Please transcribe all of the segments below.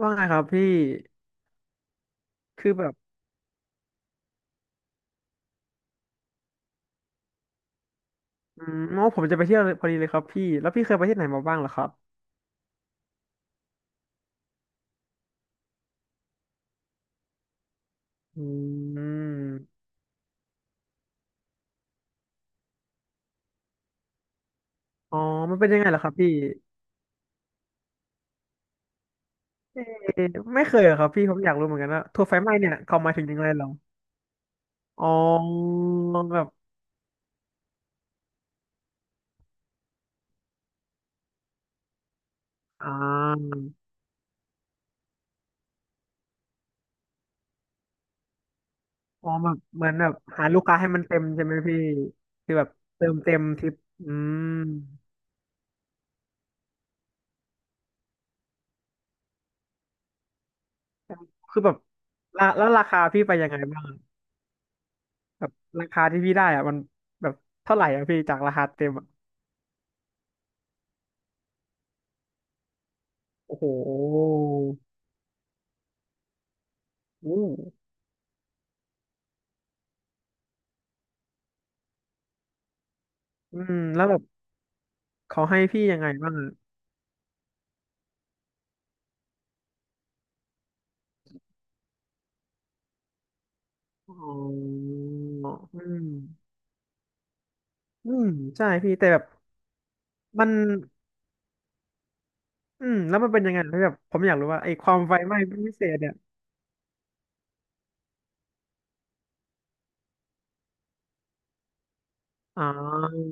ว่าไงครับพี่คือแบบอืมอ๋อผมจะไปเที่ยวเลยพอดีเลยครับพี่แล้วพี่เคยไปที่ไหนมาบ้างเหรอครับอืมอ๋อมันเป็นยังไงเหรอครับพี่เออไม่เคยเหรอครับพี่ผมอยากรู้เหมือนกันว่าทัวร์ไฟไหม้เนี่ยเขาหมายถึงยังไงเหรออ๋อแบบอ่าอ๋อแบบเหมือนแบบหาลูกค้าให้มันเต็มใช่ไหมพี่คือแบบเติมเต็มทริปอืมคือแบบราแล้วราคาพี่ไปยังไงบ้างแบบราคาที่พี่ได้อะมันแบบเท่าไหร่อะพี่จากราคาเต็มอะ โอ้โหอืมอืมแล้วแบบเขาให้พี่ยังไงบ้างอะอ๋ออืมอืมใช่พี่แต่แบบมันอืมแล้วมันเป็นยังไงพี่แบบผมอยากรู้ว่าไอ้ความไฟไหม้พิเศษเนี่ยอ๋อ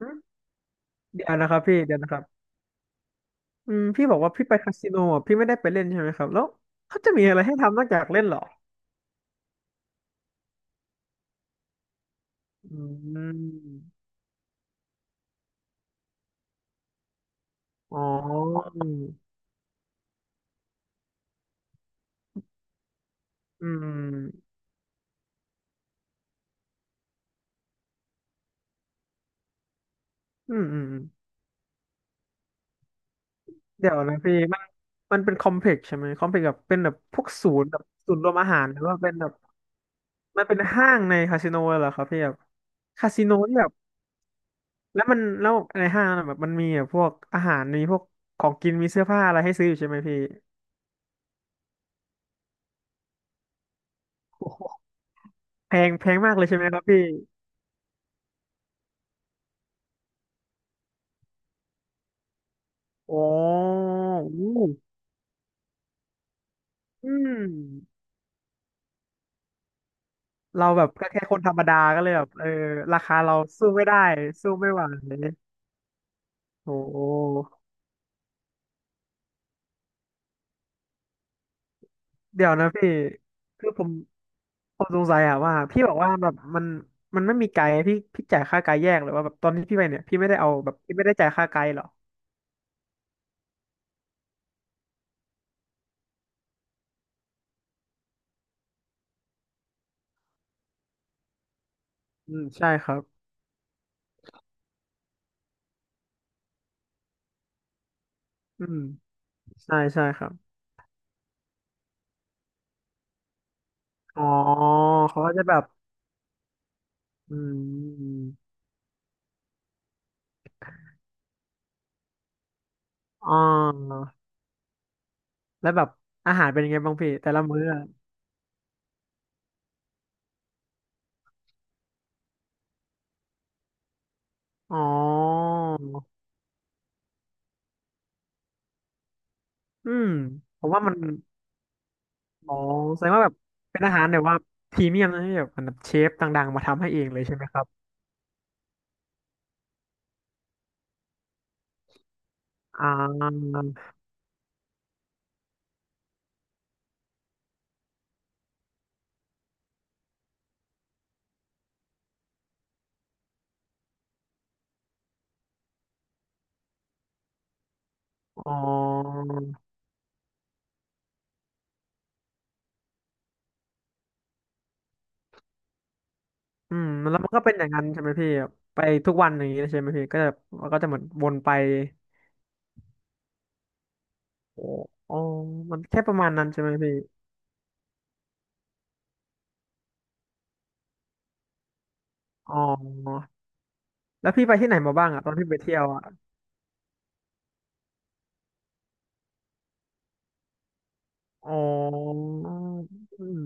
อืมเดี๋ยวนะครับพี่เดี๋ยวนะครับอืมพี่บอกว่าพี่ไปคาสิโนอ่ะพี่ไม่ได้ไปเล่นใช่ไหมครับแล้วเขาจะมีอะไรให้ทำนอกจากเล่นเหรออืมอ๋ออืมอืมอืม เดี๋ยวนะพี่มันเป็นคอมเพล็กซ์ใช่ไหมคอมเพล็กซ์แบบเป็นแบบพวกศูนย์แบบศูนย์รวมอาหารหรือว่าเป็นแบบมันเป็นห้างในคาสิโนเหรอครับพี่แบบคาสิโนที่แบบแล้วในห้างน่ะแบบมันมีแบบพวกอาหารมีพวกของกินมีเสื้อผ้าอะไรให้ซื้ออยู่ใช่ไหมพี่โอ้โหแพงแพงมากเลยใช่ไหมครับพี่โอ้อู้อืมเราแบบก็แค่คนธรรมดาก็เลยแบบเออราคาเราสู้ไม่ได้สู้ไม่ไหวโอ้เดี๋ยวนะพี่คือผม ผมสงสัยอะว่าพี่บอกว่าแบบมันไม่มีไกด์พี่จ่ายค่าไกด์แยกหรือว่าแบบตอนที่พี่ไปเนี่ยพี่ไม่ได้เอาแบบพี่ไม่ได้จ่ายค่าไกด์เหรออืมใช่ครับอืมใช่ใช่ครับอ๋อเขาก็จะแบบอืมอ๋อแล้วแบบอาหารเป็นยังไงบ้างพี่แต่ละมื้ออะอ๋ออืมผมว่ามันอ๋อแสดงว่าแบบเป็นอาหารแบบว่าพรีเมียมนะที่แบบเหมือนแบบเชฟดังๆมาทำให้เองเลยใช่ไหมครับอ่าอ๋อ อืมแล้วมันก็เป็นอย่างนั้นใช่ไหมพี่ไปทุกวันอย่างนี้ใช่ไหมพี่ก็จะมันก็จะเหมือนวนไปโอ้อ๋อมันแค่ประมาณนั้นใช่ไหมพี่อ๋อแล้วพี่ไปที่ไหนมาบ้างอะตอนที่ไปเที่ยวอะอ๋ออืม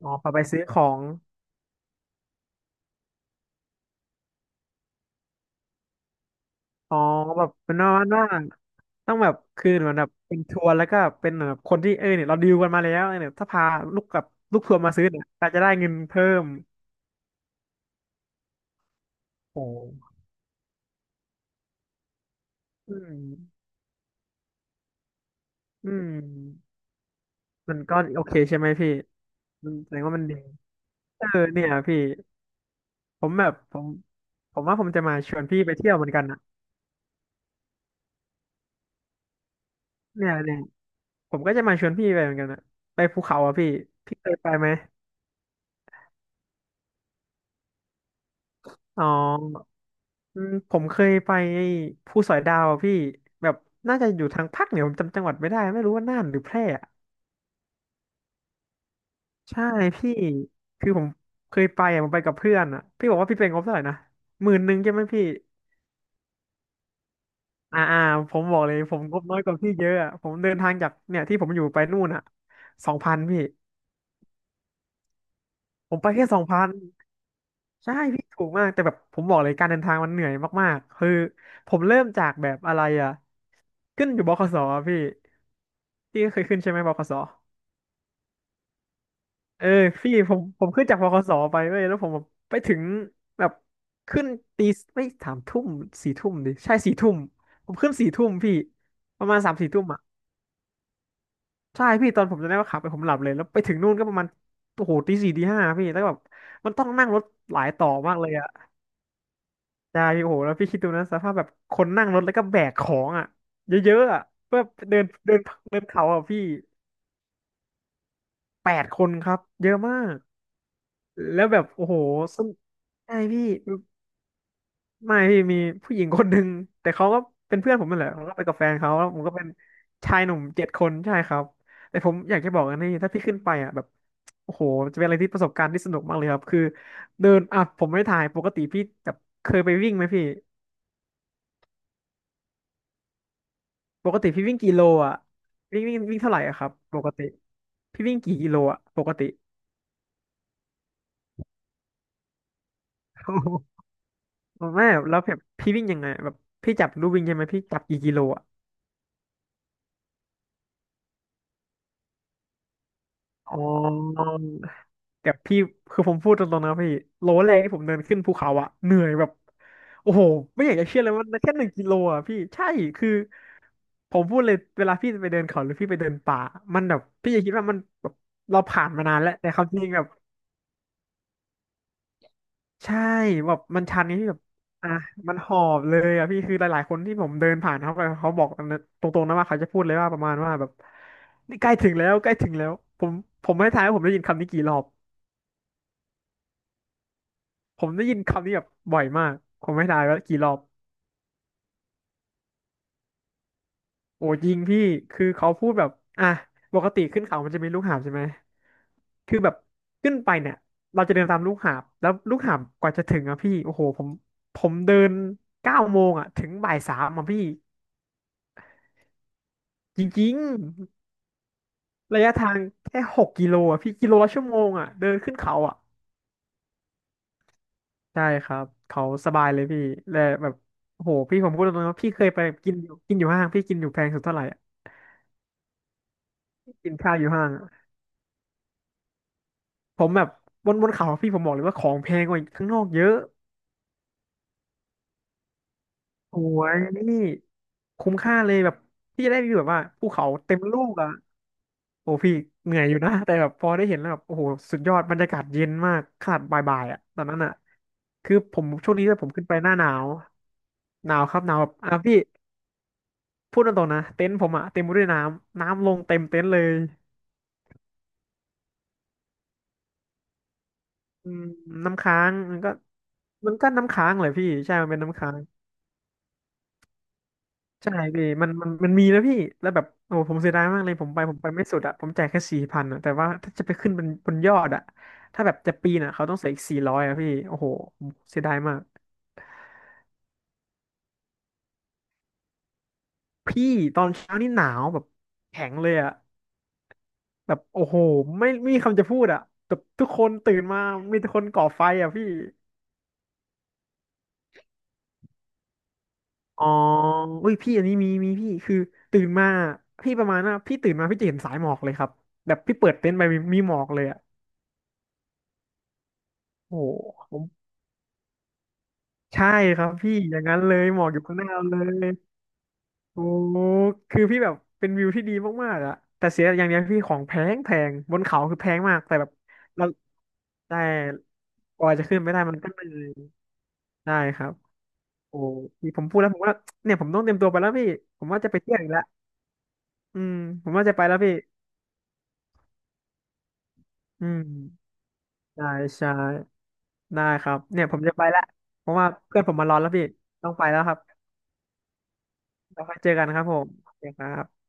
อ๋อพอไปซื้อของอ๋อแบบเป็นประมาณว่าต้องแบบคือเหมือนแบบเป็นทัวร์แล้วก็เป็นเหมือนแบบคนที่เออเนี่ยเราดีลกันมาแล้วเนี่ยถ้าพาลูกกับลูกทัวร์มาซื้อเนี่ยเราจะได้เงินเพิ่มโอ้อืมอืมมันก็โอเคใช่ไหมพี่ มันแสดงว่ามันดีเออเนี่ยพี่ผมแบบผมว่าผมจะมาชวนพี่ไปเที่ยวเหมือนกันนะเนี่ยเนี่ยผมก็จะมาชวนพี่ไปเหมือนกันนะไปภูเขาอ่ะพี่พี่เคยไปไหมอ๋ออืมผมเคยไปไอ้ภูสอยดาวอ่ะพี่แบบน่าจะอยู่ทางภาคเหนือผมจำจังหวัดไม่ได้ไม่รู้ว่าน่านหรือแพร่อะใช่พี่คือผมเคยไปอ่ะผมไปกับเพื่อนอ่ะพี่บอกว่าพี่เป็นงบเท่าไหร่นะ11,000ใช่ไหมพี่ อ่าอ่าผมบอกเลยผมงบน้อยกว่าพี่เยอะอะผมเดินทางจากเนี่ยที่ผมอยู่ไปนู่นอ่ะสองพันพี่ผมไปแค่สองพันใช่พี่ถูกมากแต่แบบผมบอกเลยการเดินทางมันเหนื่อยมากๆคือผมเริ่มจากแบบอะไรอ่ะขึ้นอยู่บขสอะพี่พี่เคยขึ้นใช่ไหมบขสเออพี่ผมขึ้นจากบขสไปเว้ยแล้วผมแบบไปถึงแบบขึ้นตีไม่สามทุ่มสี่ทุ่มดิใช่สี่ทุ่มผมขึ้นสี่ทุ่มพี่ประมาณสามสี่ทุ่มอ่ะ ใช่พี่ตอนผมจะได้ว่าขับไปผมหลับเลยแล้วไปถึงนู่นก็ประมาณโอ้โหตีสี่ตีห้าพี่แล้วแบบมันต้องนั่งรถหลายต่อมากเลยอ่ะใช่พี่โอ้โหแล้วพี่คิดดูนะสภาพแบบคนนั่งรถแล้วก็แบกของอ่ะเยอะๆอ่ะเพื่อเดินเดินเดินเขาอ่ะพี่8 คนครับเยอะมากแล้วแบบโอ้โหส้นใช่พี่ ไม่พี่มีผู้หญิงคนหนึ่งแต่เขาก็เป็นเพื่อนผมนั่นแหละเมาก็ไปกับแฟนเขาแล้วผมก็เป็นชายหนุ่ม7 คนใช่ครับแต่ผมอยากจะบอกอันนี้ถ้าพี่ขึ้นไปอ่ะแบบโอ้โหจะเป็นอะไรที่ประสบการณ์ที่สนุกมากเลยครับคือเดินอ่ะผมไม่ถ่ายปกติพี่แบบเคยไปวิ่งไหมพี่ปกติพี่วิ่งกี่โลอ่ะวิ่งวิ่งวิ่งเท่าไหร่อะครับปกติพี่วิ่งกี่กิโลอ่ะปกติโอ้โหไม่แล้วแบบพี่วิ่งยังไงแบบพี่จับลู่วิ่งใช่ไหมพี่จับกี่กิโลอ่ะอ๋อ แต่พี่คือผมพูดตรงๆนะพี่โลแรกที่ผมเดินขึ้นภูเขาอะเหนื่อยแบบโอ้โหไม่อยากจะเชื่อเลยว่าแค่1 กิโลอะพี่ใช่คือผมพูดเลยเวลาพี่จะไปเดินเขาหรือพี่ไปเดินป่ามันแบบพี่จะคิดว่ามันแบบเราผ่านมานานแล้วแต่ความจริงแบบใช่แบบมันชันนี่แบบอ่ะมันหอบเลยอะพี่คือหลายๆคนที่ผมเดินผ่านเขาไปเขาบอกตรงๆนะว่าเขาจะพูดเลยว่าประมาณว่าแบบนี่ใกล้ถึงแล้วใกล้ถึงแล้วผมผมไม่ทายว่าผมได้ยินคำนี้กี่รอบ ผมได้ยินคำนี้แบบบ่อยมาก ผมไม่ทายว่ากี่รอบโอ้ยิงพี่คือเขาพูดแบบอ่ะปกติขึ้นเขามันจะมีลูกหาบใช่ไหมคือแบบขึ้นไปเนี่ยเราจะเดินตามลูกหาบ แล้วลูกหาบกว่าจะถึงอ่ะพี่โอ้โหผมผมเดิน9 โมงอ่ะถึงบ่ายสามอ่ะพี่จริงๆระยะทางแค่6 กิโลอ่ะพี่กิโลละชั่วโมงอ่ะเดินขึ้นเขาอ่ะใช่ครับเขาสบายเลยพี่และแบบโอ้โหพี่ผมพูดตรงๆว่าพี่เคยไปกินอยู่ห้างพี่กินอยู่แพงสุดเท่าไหร่อะกินข้าวอยู่ห้าง ผมแบบบนเขาพี่ผมบอกเลยว่าของแพงกว่าข้างนอกเยอะโอ้ยนี่คุ้มค่าเลยแบบพี่จะได้วิวแบบว่าภูเขาเต็มลูกอ่ะโอ้พี่เหนื่อยอยู่นะแต่แบบพอได้เห็นแล้วแบบโอ้โหสุดยอดบรรยากาศเย็นมากขนาดบ่ายๆอ่ะตอนนั้นอ่ะคือผมช่วงนี้ด้วยผมขึ้นไปหน้าหนาวหนาวครับหนาวแบบอ่ะพี่พูดตรงๆนะเต็นท์ผมอ่ะเต็มไปด้วยน้ำลงเต็มเต็นท์เลยอืมน้ำค้างมันก็น้ำค้างเลยพี่ใช่มันเป็นน้ำค้าง ใช่พี่มันมีแล้วพี่แล้วแบบโอ้ผมเสียดายมากเลยผมไปไม่สุดอะผมจ่ายแค่4,000อะแต่ว่าถ้าจะไปขึ้นบนยอดอะถ้าแบบจะปีนอะเขาต้องเสียอีก400อะพี่โอ้โหผมเสียดายมากพี่ตอนเช้านี่หนาวแบบแข็งเลยอะแบบโอ้โหไม่มีคำจะพูดอะแบบทุกคนตื่นมามีแต่คนก่อไฟอะพี่อ๋ออุ้ยพี่อันนี้มีพี่คือตื่นมาพี่ประมาณน่ะพี่ตื่นมาพี่จะเห็นสายหมอกเลยครับแบบพี่เปิดเต็นท์ไปมีหมอกเลยอะโอ้โห ใช่ครับพี่อย่างนั้นเลยหมอกอยู่ข้างหน้าเลยโอ้คือพี่แบบเป็นวิวที่ดีมากๆอะแต่เสียอย่างเดียวพี่ของแพงบนเขาคือแพงมากแต่แบบเราได้กว่าจะขึ้นไม่ได้มันก็เหนื่อยได้ครับโอ้พี่ผมพูดแล้วผมว่าเนี่ยผมต้องเตรียมตัวไปแล้วพี่ผมว่าจะไปเที่ยวอีกแล้วอืมผมว่าจะไปแล้วพี่อืมใช่ใช่ได้ครับเนี่ยผมจะไปละเพราะว่าเพื่อนผมมารอแล้วพี่ต้องไปแล้วครับเราค่อยเจอกันครับผมโอเคครับ